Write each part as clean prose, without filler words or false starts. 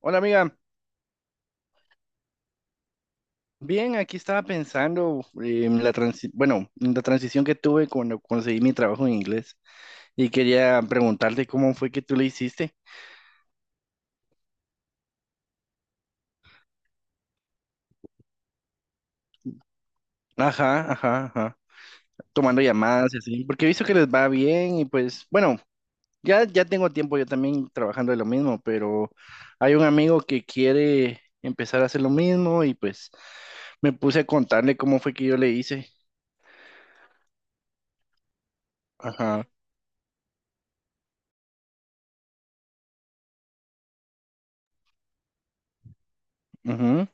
Hola amiga, bien, aquí estaba pensando bueno, en la transición que tuve cuando conseguí mi trabajo en inglés y quería preguntarte cómo fue que tú le hiciste. Ajá, ajá, ajá. Tomando llamadas y así, porque he visto que les va bien y pues, bueno, ya tengo tiempo yo también trabajando de lo mismo, pero hay un amigo que quiere empezar a hacer lo mismo y pues me puse a contarle cómo fue que yo le hice. Ajá. Mhm.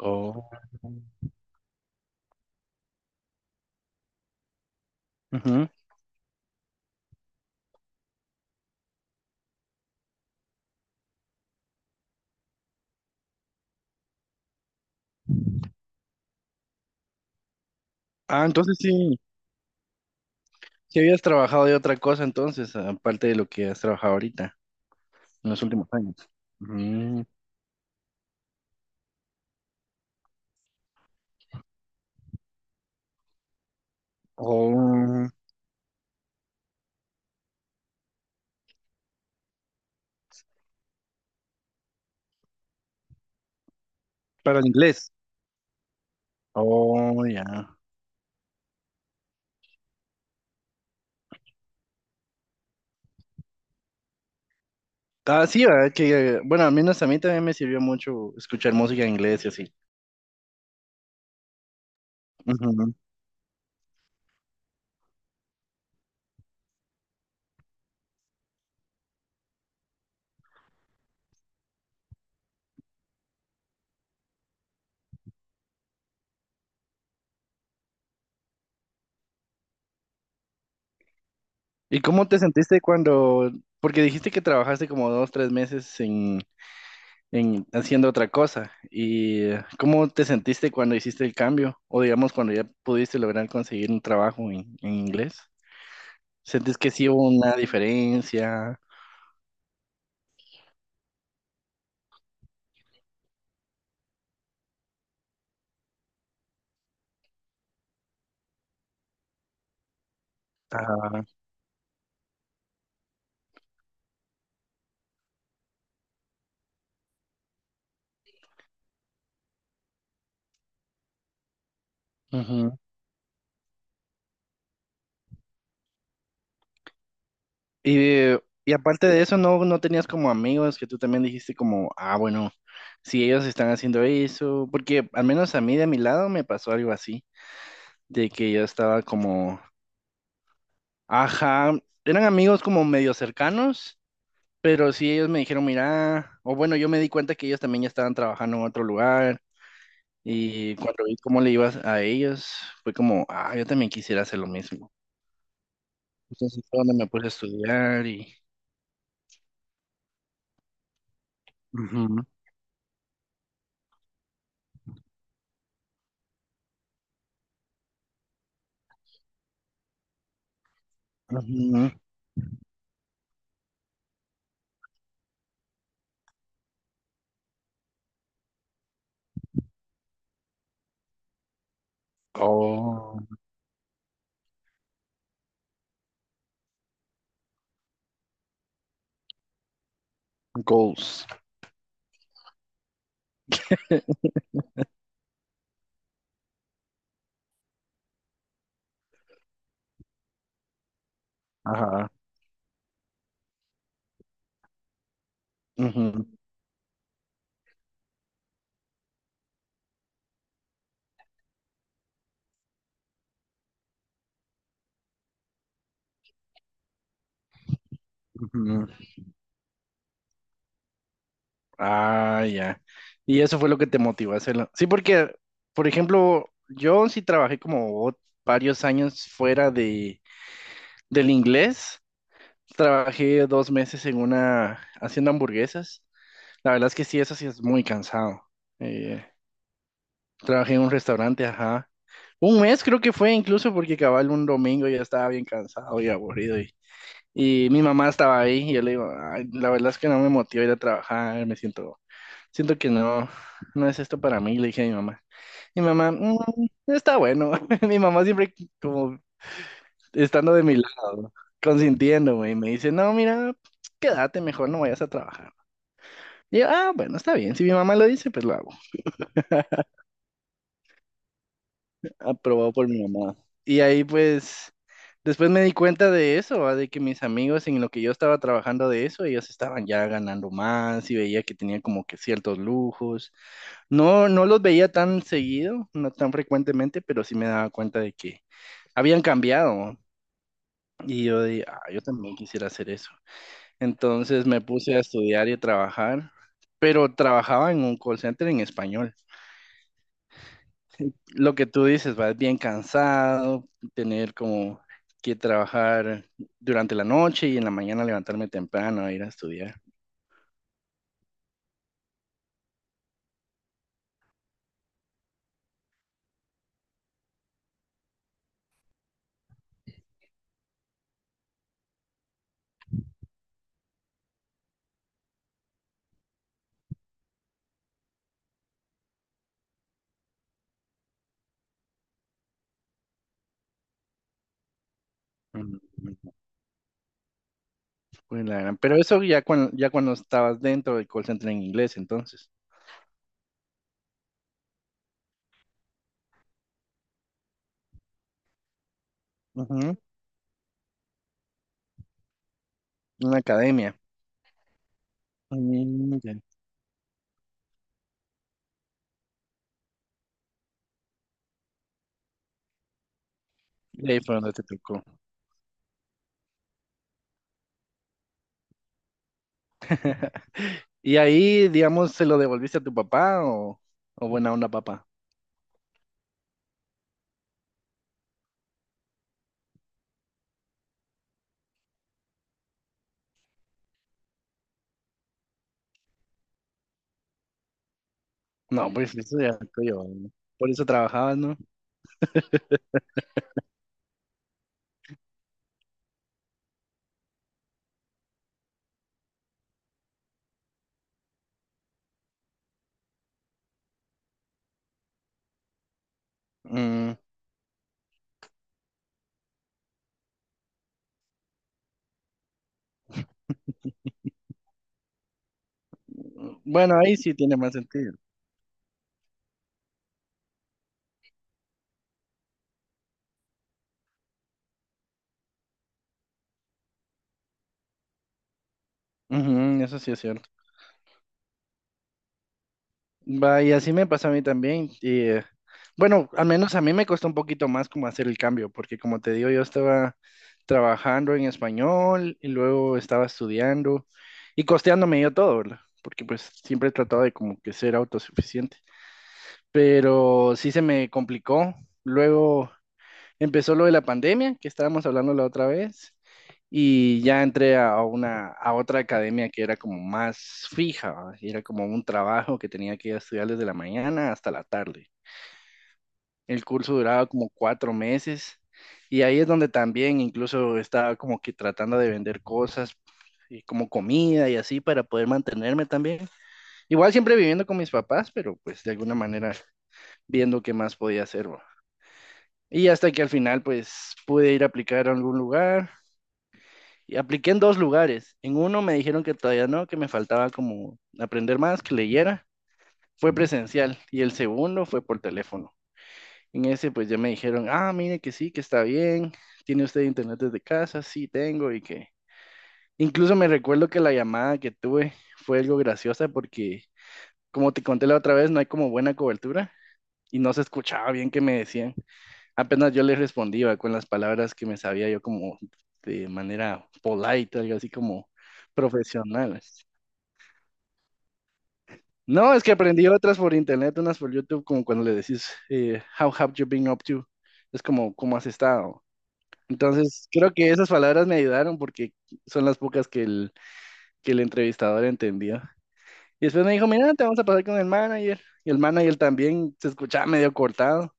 Oh. Ujú. Ah, entonces sí. ¿Qué habías trabajado de otra cosa entonces, aparte de lo que has trabajado ahorita, en los últimos años? Mm. Oh, para el inglés. Oh, ya. Ah, sí, ¿verdad? Que, bueno, al menos a mí también me sirvió mucho escuchar música en inglés y así. Ujú. ¿Y cómo te sentiste cuando, porque dijiste que trabajaste como 2, 3 meses en haciendo otra cosa, y cómo te sentiste cuando hiciste el cambio, o digamos cuando ya pudiste lograr conseguir un trabajo en inglés? ¿Sentís que sí hubo una diferencia? Ajá. Ujú. Y aparte de eso, ¿no, no tenías como amigos que tú también dijiste como, ah, bueno, si ellos están haciendo eso, porque al menos a mí de mi lado me pasó algo así, de que yo estaba como, ajá, eran amigos como medio cercanos, pero sí ellos me dijeron, mira, o bueno, yo me di cuenta que ellos también ya estaban trabajando en otro lugar y cuando vi cómo le ibas a ellos, fue como, ah, yo también quisiera hacer lo mismo. Entonces fue donde me puse a estudiar y... Ujú, ujú. Oh, goals. Ajá. Ujú, ujú. Ah, ya. Y eso fue lo que te motivó a hacerlo. Sí, porque, por ejemplo, yo sí trabajé como varios años fuera del inglés. Trabajé 2 meses en una, haciendo hamburguesas. La verdad es que sí, eso sí es muy cansado. Eh, Trabajé en un restaurante, ajá. Un mes creo que fue incluso porque cabal un domingo ya estaba bien cansado y aburrido y mi mamá estaba ahí y yo le digo, "Ay, la verdad es que no me motiva ir a trabajar, siento que no, no es esto para mí", le dije a mi mamá. Mi mamá, "Mm, está bueno", mi mamá siempre como estando de mi lado, ¿no? Consintiéndome y me dice, no, mira, quédate mejor, no vayas a trabajar. Y yo, ah, bueno, está bien, si mi mamá lo dice, pues lo hago. Aprobado por mi mamá. Y ahí pues después me di cuenta de eso, ¿va? De que mis amigos en lo que yo estaba trabajando de eso, ellos estaban ya ganando más y veía que tenían como que ciertos lujos. No, no los veía tan seguido, no tan frecuentemente, pero sí me daba cuenta de que habían cambiado. Y yo dije, ah, yo también quisiera hacer eso. Entonces me puse a estudiar y a trabajar, pero trabajaba en un call center en español. Lo que tú dices, vas bien cansado, tener como que trabajar durante la noche y en la mañana levantarme temprano a ir a estudiar. Mm, pues la Pero eso ya cuando, estabas dentro del call center en inglés, entonces. Ujú. Una academia. Mm, ya. Y ahí fue donde te tocó. Y ahí, digamos, se lo devolviste a tu papá o buena onda, papá. No, pues eso ya es tuyo, ¿no? Por eso trabajabas, ¿no? Mm, bueno, ahí sí tiene más sentido. Ujú, eso sí es cierto. Va, y así me pasa a mí también. Y bueno, al menos a mí me costó un poquito más como hacer el cambio, porque como te digo, yo estaba trabajando en español y luego estaba estudiando y costeándome yo todo, ¿verdad? Porque pues siempre he tratado de como que ser autosuficiente. Pero sí se me complicó. Luego empezó lo de la pandemia, que estábamos hablando la otra vez, y ya entré a una, a otra academia que era como más fija, ¿va? Era como un trabajo que tenía que estudiar desde la mañana hasta la tarde. El curso duraba como 4 meses, y ahí es donde también incluso estaba como que tratando de vender cosas, y como comida y así para poder mantenerme también. Igual siempre viviendo con mis papás, pero pues de alguna manera viendo qué más podía hacer, ¿va? Y hasta que al final, pues, pude ir a aplicar a algún lugar. Y apliqué en dos lugares. En uno me dijeron que todavía no, que me faltaba como aprender más, que leyera. Fue presencial. Y el segundo fue por teléfono. En ese pues ya me dijeron, ah, mire que sí, que está bien. ¿Tiene usted internet desde casa? Sí, tengo. Y que incluso me recuerdo que la llamada que tuve fue algo graciosa porque, como te conté la otra vez, no hay como buena cobertura y no se escuchaba bien que me decían. Apenas yo le respondía con las palabras que me sabía yo como de manera polite, algo así como profesionales. No, es que aprendí otras por internet, unas por YouTube, como cuando le decís, How have you been up to? Es como, ¿cómo has estado? Entonces, creo que esas palabras me ayudaron porque son las pocas que que el entrevistador entendió. Y después me dijo, mira, te vamos a pasar con el manager. Y el manager también se escuchaba medio cortado.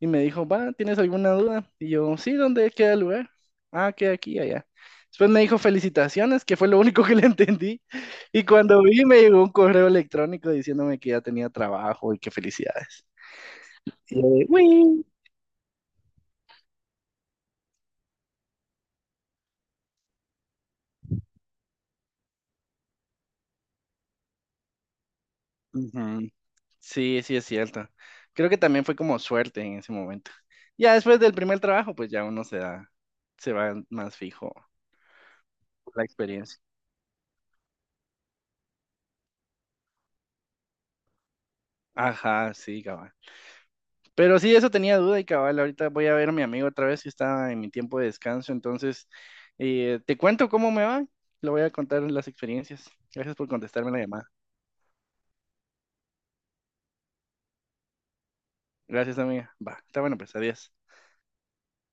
Y me dijo, va, ¿tienes alguna duda? Y yo, sí, ¿dónde queda el lugar? Ah, queda aquí, allá. Después me dijo, felicitaciones, que fue lo único que le entendí. Y cuando vi, me llegó un correo electrónico diciéndome que ya tenía trabajo y que felicidades. Y yo de, "Uy". Ujú. Sí, sí, es cierto. Creo que también fue como suerte en ese momento. Ya después del primer trabajo, pues ya uno se da, se va más fijo por la experiencia. Ajá, sí, cabal. Pero sí, eso tenía duda y cabal, ahorita voy a ver a mi amigo otra vez que está en mi tiempo de descanso, entonces te cuento cómo me va, le voy a contar las experiencias. Gracias por contestarme la llamada. Gracias, amiga. Va, está bueno, pues adiós.